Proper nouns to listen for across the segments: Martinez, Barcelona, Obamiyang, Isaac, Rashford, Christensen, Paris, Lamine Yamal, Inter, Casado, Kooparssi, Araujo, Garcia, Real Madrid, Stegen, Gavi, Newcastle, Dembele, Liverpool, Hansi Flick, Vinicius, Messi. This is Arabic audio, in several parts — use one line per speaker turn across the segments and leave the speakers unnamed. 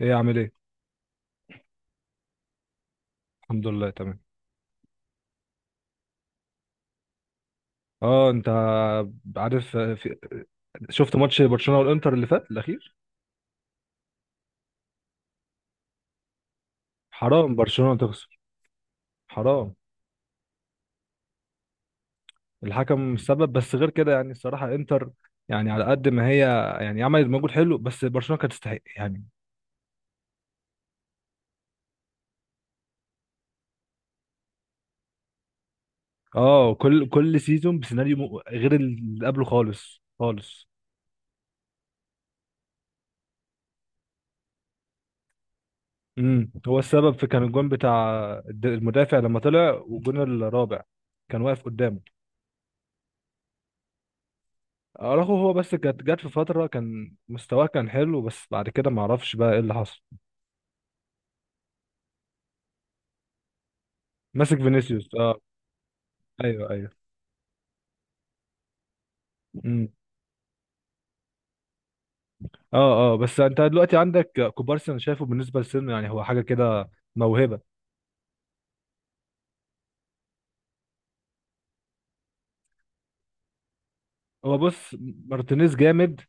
ايه عامل ايه؟ الحمد لله، تمام. اه، انت عارف شفت ماتش برشلونة والانتر اللي فات الاخير. حرام برشلونة تخسر، حرام. الحكم السبب، بس غير كده يعني الصراحة انتر، يعني على قد ما هي، يعني عملت مجهود حلو بس برشلونة كانت تستحق يعني. اه، كل سيزون بسيناريو غير اللي قبله خالص خالص. هو السبب في كان الجون بتاع المدافع لما طلع، والجون الرابع كان واقف قدامه. اراخو، هو بس كانت جت في فتره كان مستواه كان حلو، بس بعد كده ما اعرفش بقى ايه اللي حصل. ماسك فينيسيوس، اه، ايوه ايوه. امم. اه، اه، بس انت دلوقتي عندك كوبارسي، انا شايفه بالنسبه لسنه يعني هو حاجه كده، موهبه. هو بص، مارتينيز جامد.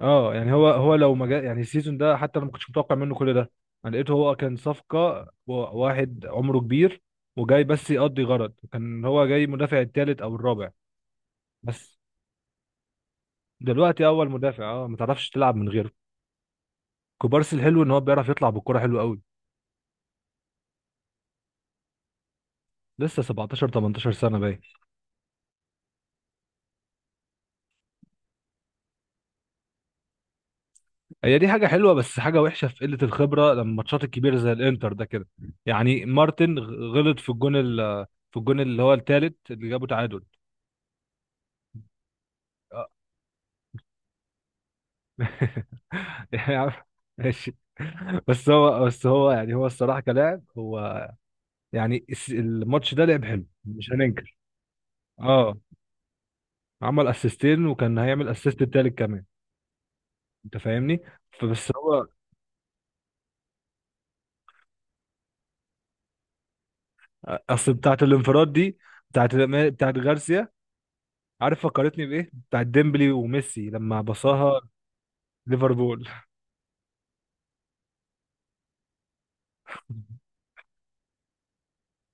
اه، يعني هو لو ما جا يعني السيزون ده حتى انا ما كنتش متوقع منه كل ده. انا لقيته هو كان صفقه واحد عمره كبير وجاي بس يقضي غرض، كان هو جاي مدافع الثالث او الرابع. بس دلوقتي اول مدافع، اه، ما تعرفش تلعب من غيره. كوبارسي الحلو ان هو بيعرف يطلع بالكرة حلو قوي. لسه 17 18 سنة باين. هي دي حاجة حلوة، بس حاجة وحشة في قلة الخبرة لما الماتشات الكبيرة زي الانتر ده كده. يعني مارتن غلط في الجون في الجون اللي هو التالت اللي جابه تعادل. آه. يا عم، ماشي. بس هو يعني هو الصراحة كلاعب، هو يعني الماتش ده لعب حلو، مش هننكر. اه، عمل اسيستين وكان هيعمل اسيست التالت كمان، انت فاهمني؟ فبس هو، اصل بتاعت الانفراد دي بتاعت غارسيا. عارف فكرتني بايه؟ بتاعت ديمبلي وميسي لما بصاها ليفربول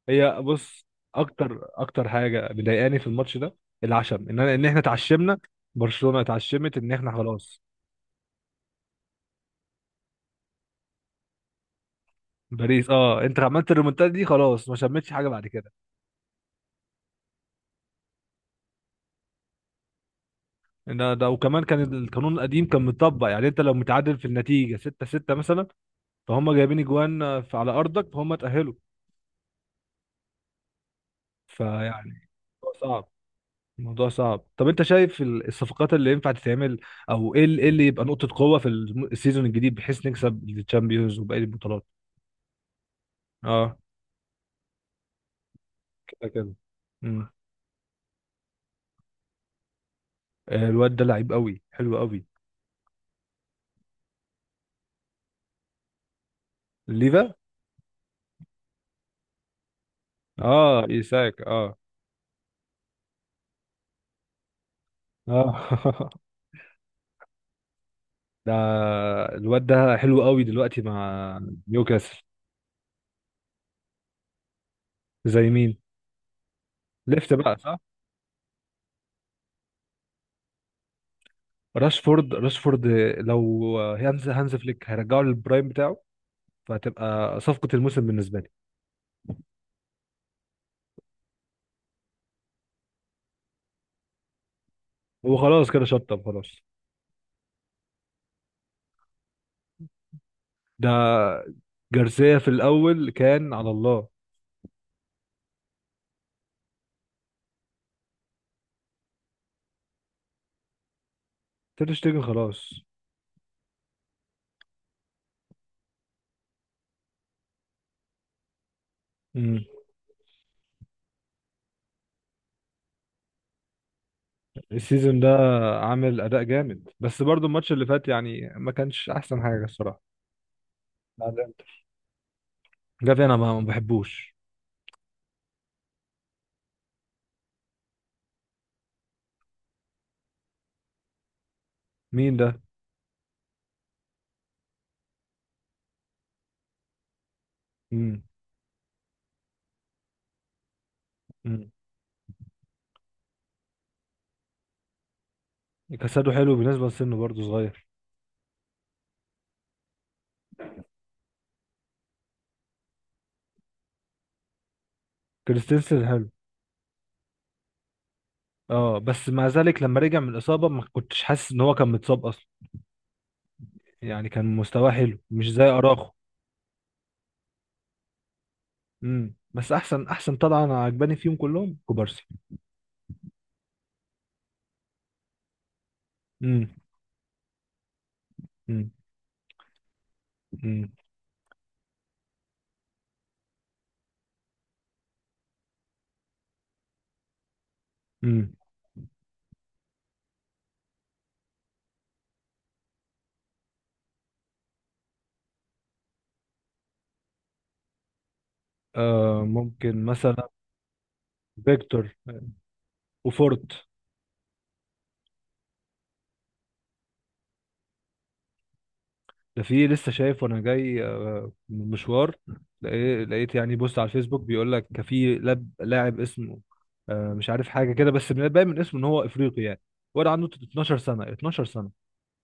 هي بص، اكتر اكتر حاجه مضايقاني في الماتش ده العشم ان احنا اتعشمنا، برشلونه اتعشمت ان احنا خلاص. باريس، اه، انت عملت الريمونتادا دي خلاص ما شمتش حاجه بعد كده. ان ده وكمان كان القانون القديم كان مطبق، يعني انت لو متعادل في النتيجه 6-6 مثلا فهم جايبين اجوان على ارضك فهم تاهلوا. فيعني الموضوع صعب. الموضوع صعب. طب انت شايف الصفقات اللي ينفع تتعمل؟ او ايه ايه اللي يبقى نقطة قوة في السيزون الجديد بحيث نكسب الشامبيونز وباقي البطولات؟ اه، كده كده. امم، الواد ده لعيب قوي حلو قوي. ليفا، اه، ايساك، اه، اه ده الواد ده حلو قوي دلوقتي مع نيوكاسل. زي مين؟ ليفت بقى، صح؟ راشفورد، راشفورد لو هانز فليك هيرجعه للبرايم بتاعه فهتبقى صفقة الموسم بالنسبة لي. هو خلاص كده شطب خلاص. ده جارسيا في الاول كان على الله. تير شتيجن خلاص. امم. السيزون ده عامل اداء جامد، بس برضو الماتش اللي فات يعني ما كانش احسن حاجه الصراحه. مع الإنتر. جافي انا ما بحبوش. مين ده؟ امم. امم. كاسادو حلو بالنسبه لسنه، برضو صغير. كريستنسن حلو. اه، بس مع ذلك لما رجع من الاصابه ما كنتش حاسس ان هو كان متصاب اصلا، يعني كان مستواه حلو مش زي اراخو. امم، بس احسن احسن طلعه انا عجباني فيهم كلهم كوبارسي. امم. امم. امم. ممكن مثلا فيكتور وفورت. ده في لسه شايف وانا جاي من مشوار، لقيت يعني بوست على الفيسبوك بيقول لك كان في لاعب اسمه، مش عارف حاجه كده، بس باين من اسمه ان هو افريقي يعني. ولا عنده 12 سنه، 12 سنه،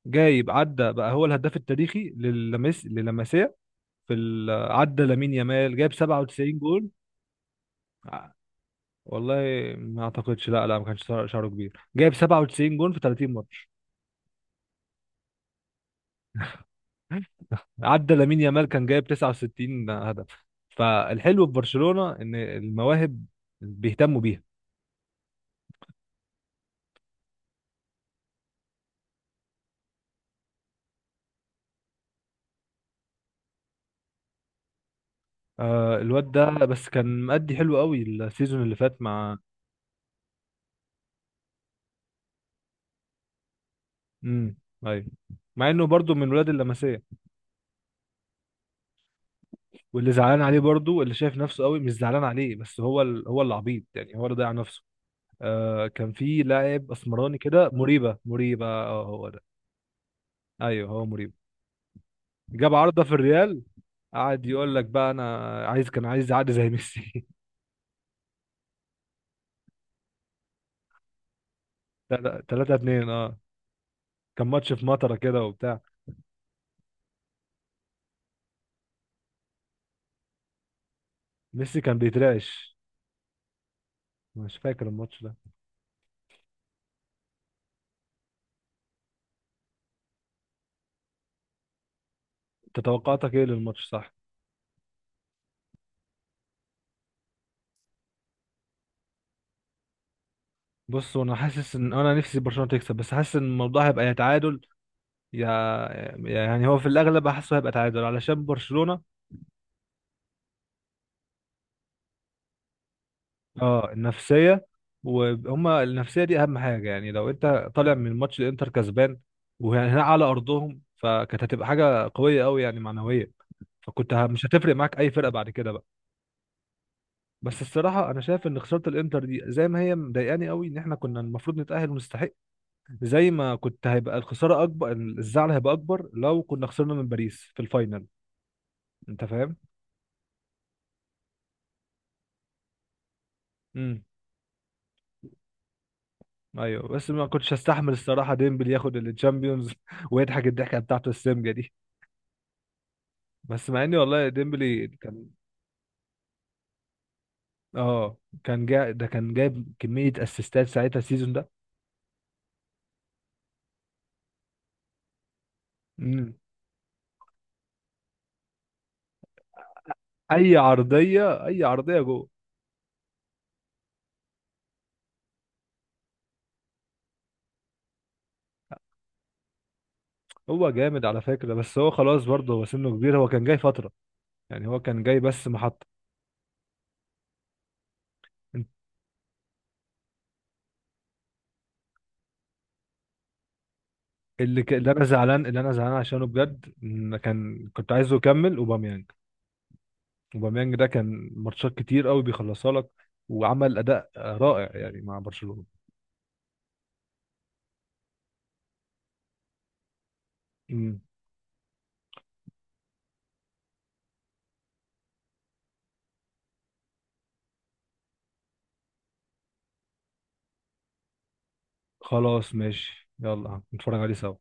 جايب عدى بقى هو الهداف التاريخي للمسيا في عدى لامين يامال جايب 97 جول. ع- والله ما اعتقدش، لا لا، ما كانش شعره كبير جايب 97 جول في 30 ماتش. عدى لامين يامال كان جايب 69 هدف. فالحلو في برشلونة ان المواهب بيهتموا بيها. الواد ده بس كان مأدي حلو قوي السيزون اللي فات مع. امم. ايوه. مع انه برضو من ولاد اللمسية. واللي زعلان عليه برضو اللي شايف نفسه قوي مش زعلان عليه، بس هو اللي عبيط يعني هو اللي ضيع نفسه. كان في لاعب اسمراني كده، مريبة، مريبة، اه هو ده. ايوه، هو مريبة، جاب عارضة في الريال. قعد يقول لك بقى انا عايز، كان عايز اعدي زي ميسي. تلاتة تلاتة اتنين، اه. كان ماتش في مطرة كده وبتاع. ميسي كان بيترعش. مش فاكر الماتش ده. انت توقعاتك ايه للماتش؟ صح، بص، وانا حاسس ان انا نفسي برشلونة تكسب، بس حاسس ان الموضوع هيبقى يا تعادل يا، يعني هو في الاغلب حاسه هيبقى تعادل علشان برشلونة. اه، النفسية، وهما النفسية دي اهم حاجة يعني، لو انت طالع من ماتش الانتر كسبان وهنا على ارضهم، فكانت هتبقى حاجة قوية قوي يعني معنوية. فكنت مش هتفرق معاك اي فرقة بعد كده بقى. بس الصراحة أنا شايف إن خسارة الإنتر دي زي ما هي مضايقاني قوي، إن إحنا كنا المفروض نتأهل ونستحق، زي ما كنت هيبقى الخسارة أكبر، الزعل هيبقى أكبر لو كنا خسرنا من باريس في الفاينل. أنت فاهم؟ امم، أيوه، بس ما كنتش هستحمل الصراحة ديمبلي ياخد الشامبيونز ويضحك الضحكة بتاعته السمجة دي، بس مع إني والله ديمبلي كان آه كان جا، ده كان جايب كمية أسيستات ساعتها السيزون ده. امم. أي عرضية أي عرضية جوه. هو جامد على فكرة، بس هو خلاص برضه هو سنه كبير، هو كان جاي فترة يعني، هو كان جاي بس محطة. اللي انا زعلان عشانه بجد إن كان كنت عايزه يكمل اوباميانج. اوباميانج ده كان ماتشات كتير قوي بيخلصها لك، وعمل اداء رائع يعني مع برشلونة. امم، خلاص ماشي يلا نتفرج عليه سوا.